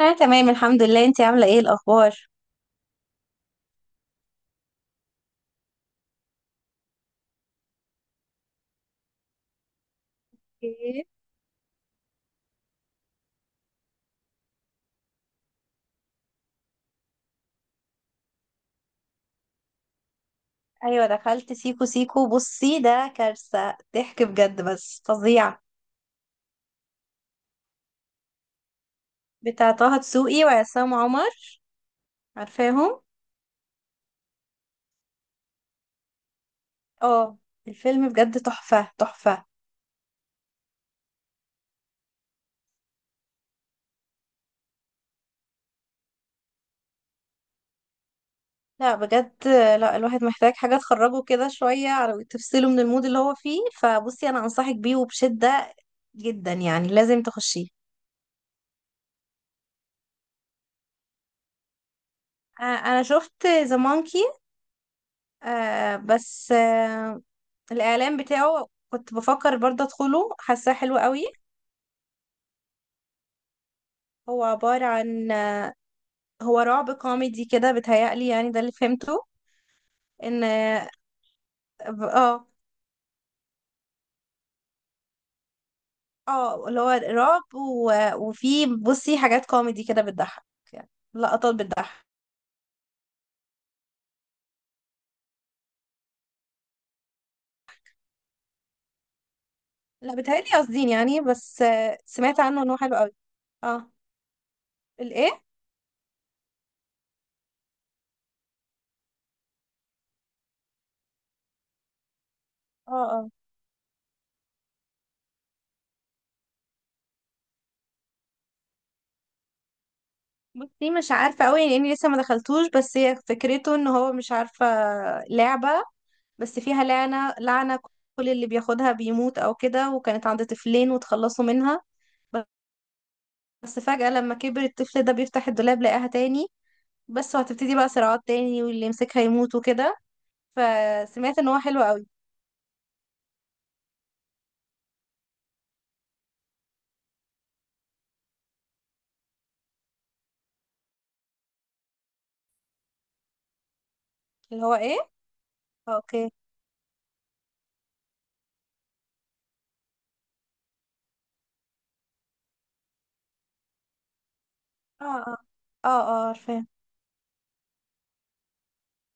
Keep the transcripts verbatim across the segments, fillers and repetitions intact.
انا تمام الحمد لله. انتي عامله ايه الاخبار؟ ايه؟ ايوه دخلت سيكو سيكو. بصي ده كارثه، ضحك بجد، بس فظيع. بتاع طه دسوقي وعصام عمر، عارفاهم؟ اه، الفيلم بجد تحفه تحفه. لا بجد، لا الواحد محتاج حاجه تخرجه كده شويه، على تفصله من المود اللي هو فيه. فبصي انا انصحك بيه وبشده جدا، يعني لازم تخشيه. آه، انا شفت ذا مونكي. آه بس آه، الإعلان بتاعه كنت بفكر برضه أدخله، حاساه حلو قوي. هو عبارة عن، هو رعب كوميدي كده بيتهيألي، يعني ده اللي فهمته. إن اه اه اللي هو رعب و... وفي بصي حاجات كوميدي كده بتضحك، يعني لقطات بتضحك. لا بيتهيألي قاصدين يعني، بس آه، سمعت عنه إن هو حلو قوي. اه الإيه؟ اه اه، بصي مش عارفة قوي لأني لسه ما دخلتوش، بس هي فكرته إن هو مش عارفة لعبة، بس فيها لعنة لعنة، كل اللي بياخدها بيموت أو كده، وكانت عند طفلين وتخلصوا منها. بس فجأة لما كبر الطفل ده بيفتح الدولاب لقاها تاني، بس وهتبتدي بقى صراعات تاني واللي يمسكها يموت وكده. فسمعت ان هو حلو قوي. اللي هو ايه؟ اوكي. اه اه. اه اه عارفاه.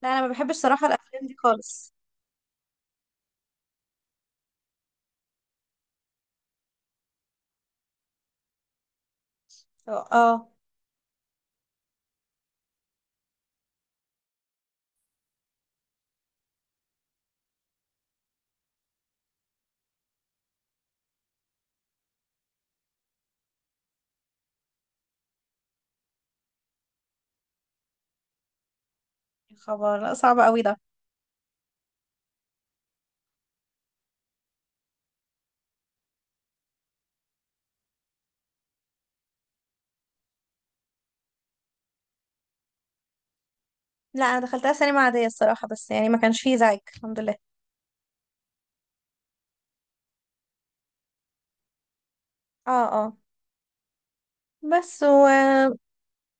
لا انا ما بحبش صراحة الافلام دي خالص. اه آه. يا خبر، لا صعب قوي ده. لا انا دخلتها سينما عادية الصراحة، بس يعني ما كانش فيه زعيق الحمد لله. اه اه. بس و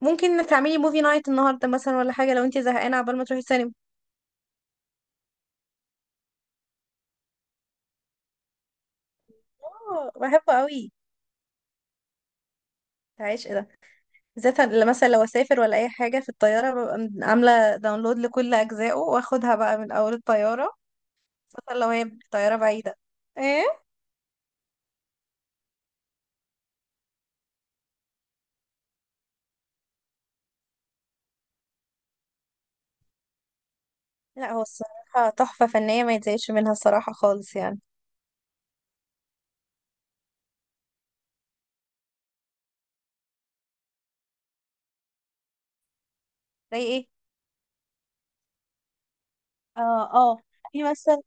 ممكن تعملي موفي نايت النهارده مثلا ولا حاجه، لو انت زهقانه عبال ما تروحي السينما. اه بحبه قوي. عايش ايه ده. بالذات لما مثلا لو اسافر ولا اي حاجه في الطياره، ببقى م- عامله داونلود لكل اجزائه واخدها بقى من اول الطياره، خصوصا لو هي طياره بعيده. ايه؟ لا هو الصراحه تحفه فنيه ما يتزايدش منها الصراحه خالص يعني. زي ايه؟ اه اه، في مثلا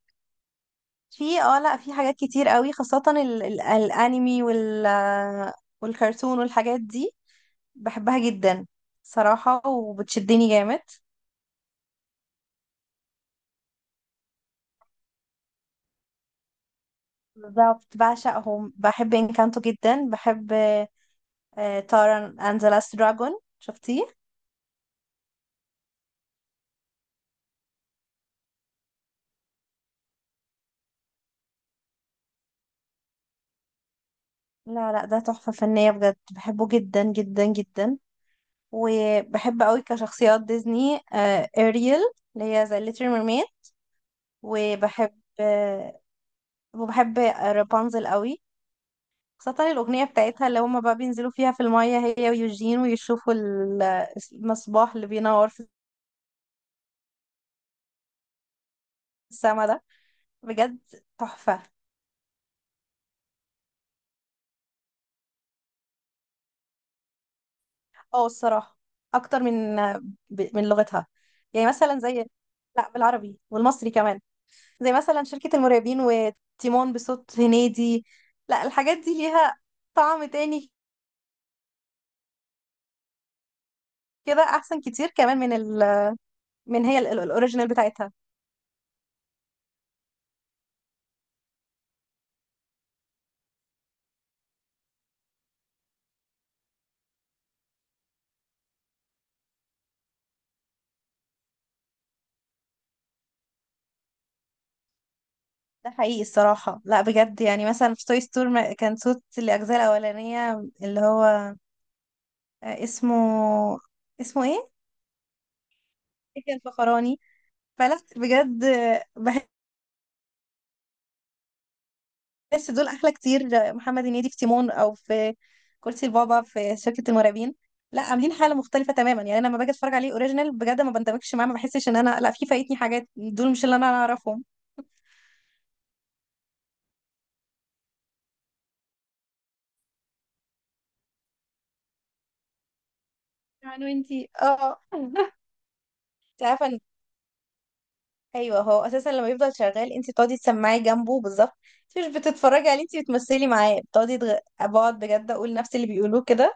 في اه لا في حاجات كتير قوي، خاصه ال ال الانمي وال والكرتون والحاجات دي، بحبها جدا صراحة وبتشدني جامد. بالظبط بعشقهم، بحب انكانتو جدا. بحب تارا اند ذا لاست دراجون، شفتيه؟ لا لا، ده تحفة فنية بجد، بحبه جدا جدا جدا. وبحب قوي كشخصيات ديزني، اريل اللي هي ذا ليتل ميرميد. وبحب آه، وبحب رابنزل قوي، خاصة الأغنية بتاعتها اللي هما بقى بينزلوا فيها في المية هي ويوجين ويشوفوا ال- المصباح اللي بينور في السما ده، بجد تحفة. اه الصراحة أكتر من ب- من لغتها، يعني مثلا زي، لا بالعربي والمصري كمان. زي مثلا شركة المرعبين وتيمون بصوت هنيدي، لا الحاجات دي ليها طعم تاني، كده أحسن كتير كمان من ال... من هي ال- ال- الأوريجينال بتاعتها. ده حقيقي الصراحة، لا بجد، يعني مثلا في توي ستور كان صوت الأجزاء الأولانية اللي هو، آه، اسمه اسمه ايه؟ إيه الفخراني، فلا بجد، بس دول احلى كتير. محمد هنيدي في تيمون او في كرسي البابا في شركة المرعبين، لا عاملين حالة مختلفة تماما. يعني انا لما باجي اتفرج عليه اوريجينال بجد ما بندمجش معاه، ما بحسش ان انا، لا في فايتني حاجات، دول مش اللي انا اعرفهم. يعني وانتي اه انت عارفه ان، ايوه هو اساسا لما يفضل شغال انت بتقعدي تسمعي جنبه بالظبط، انت مش بتتفرجي عليه، انت بتمثلي معاه، بتقعدي تغ... بقعد بجد اقول نفس اللي بيقولوه كده،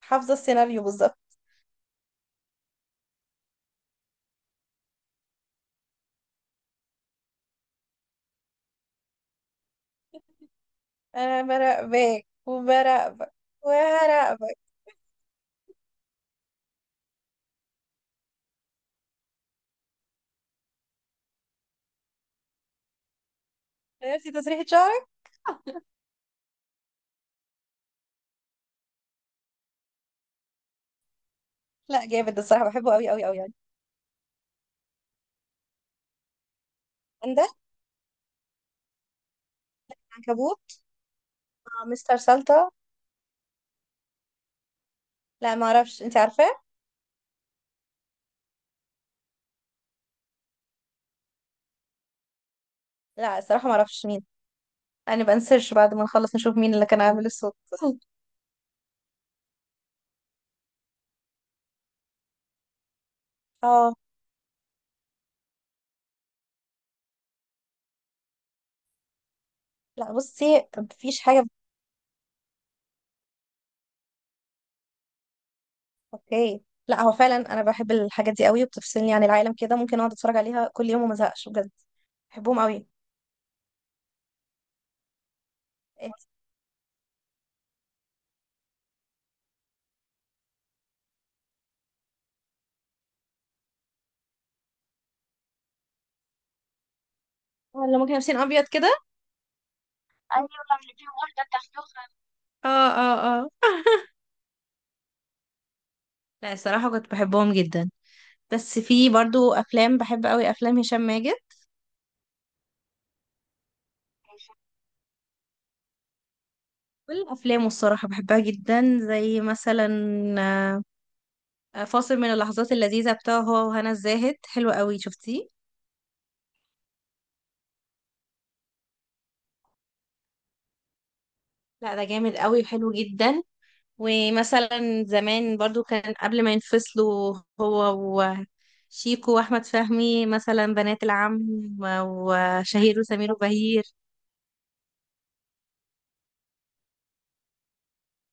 حافظه السيناريو بالظبط. انا براقبك وبراقبك وهراقبك. عرفتي تسريحة شعرك. لا جامد الصراحه، بحبه قوي قوي قوي يعني. عندك عنكبوت، آه، مستر سلطه، لا ما اعرفش، انت عارفاه؟ لا الصراحه ما اعرفش مين، يعني بنسيرش بعد ما نخلص نشوف مين اللي كان عامل الصوت. اه، لا بصي مفيش حاجه. اوكي. لا هو فعلا انا بحب الحاجات دي قوي، وبتفصلني عن العالم كده، ممكن اقعد اتفرج عليها كل يوم وما ازهقش بجد، بحبهم قوي. إيه، ولا ممكن لابسين ابيض كده. ايوه اللي فيهم واحده بتاعت، اه اه اه. لا الصراحه كنت بحبهم جدا. بس في برضو افلام بحب قوي، افلام هشام ماجد، كل الأفلام الصراحة بحبها جدا. زي مثلا آه، فاصل من اللحظات اللذيذة بتاعه هو وهنا الزاهد، حلو قوي، شفتيه؟ لا ده جامد قوي وحلو جدا. ومثلا زمان برضو كان قبل ما ينفصلوا هو وشيكو وأحمد فهمي، مثلا بنات العم، وشهير وسمير وبهير.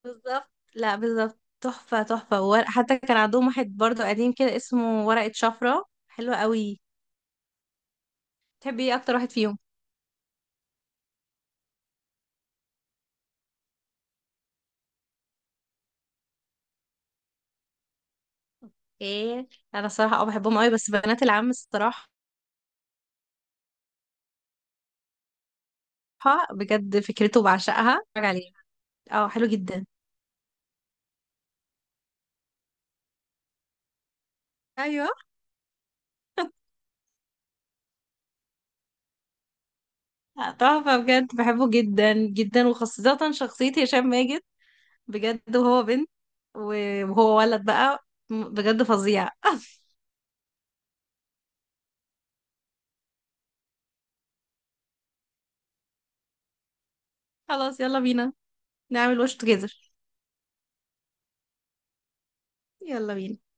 بالظبط، لا بالظبط تحفة تحفة. وورق حتى كان عندهم، واحد برضو قديم كده اسمه ورقة شفرة، حلو قوي. تحبي ايه أكتر واحد فيهم؟ ايه، انا صراحة اه بحبهم قوي، بس بنات العم الصراحة بجد فكرته بعشقها، اتفرج عليه. اه حلو جدا. ايوه آه، تحفة بجد، بحبه جدا جدا، وخاصة شخصية هشام ماجد بجد، وهو بنت، و- وهو ولد بقى م- بجد فظيع. خلاص يلا بينا، نعمل وش توجذر. يلا بينا.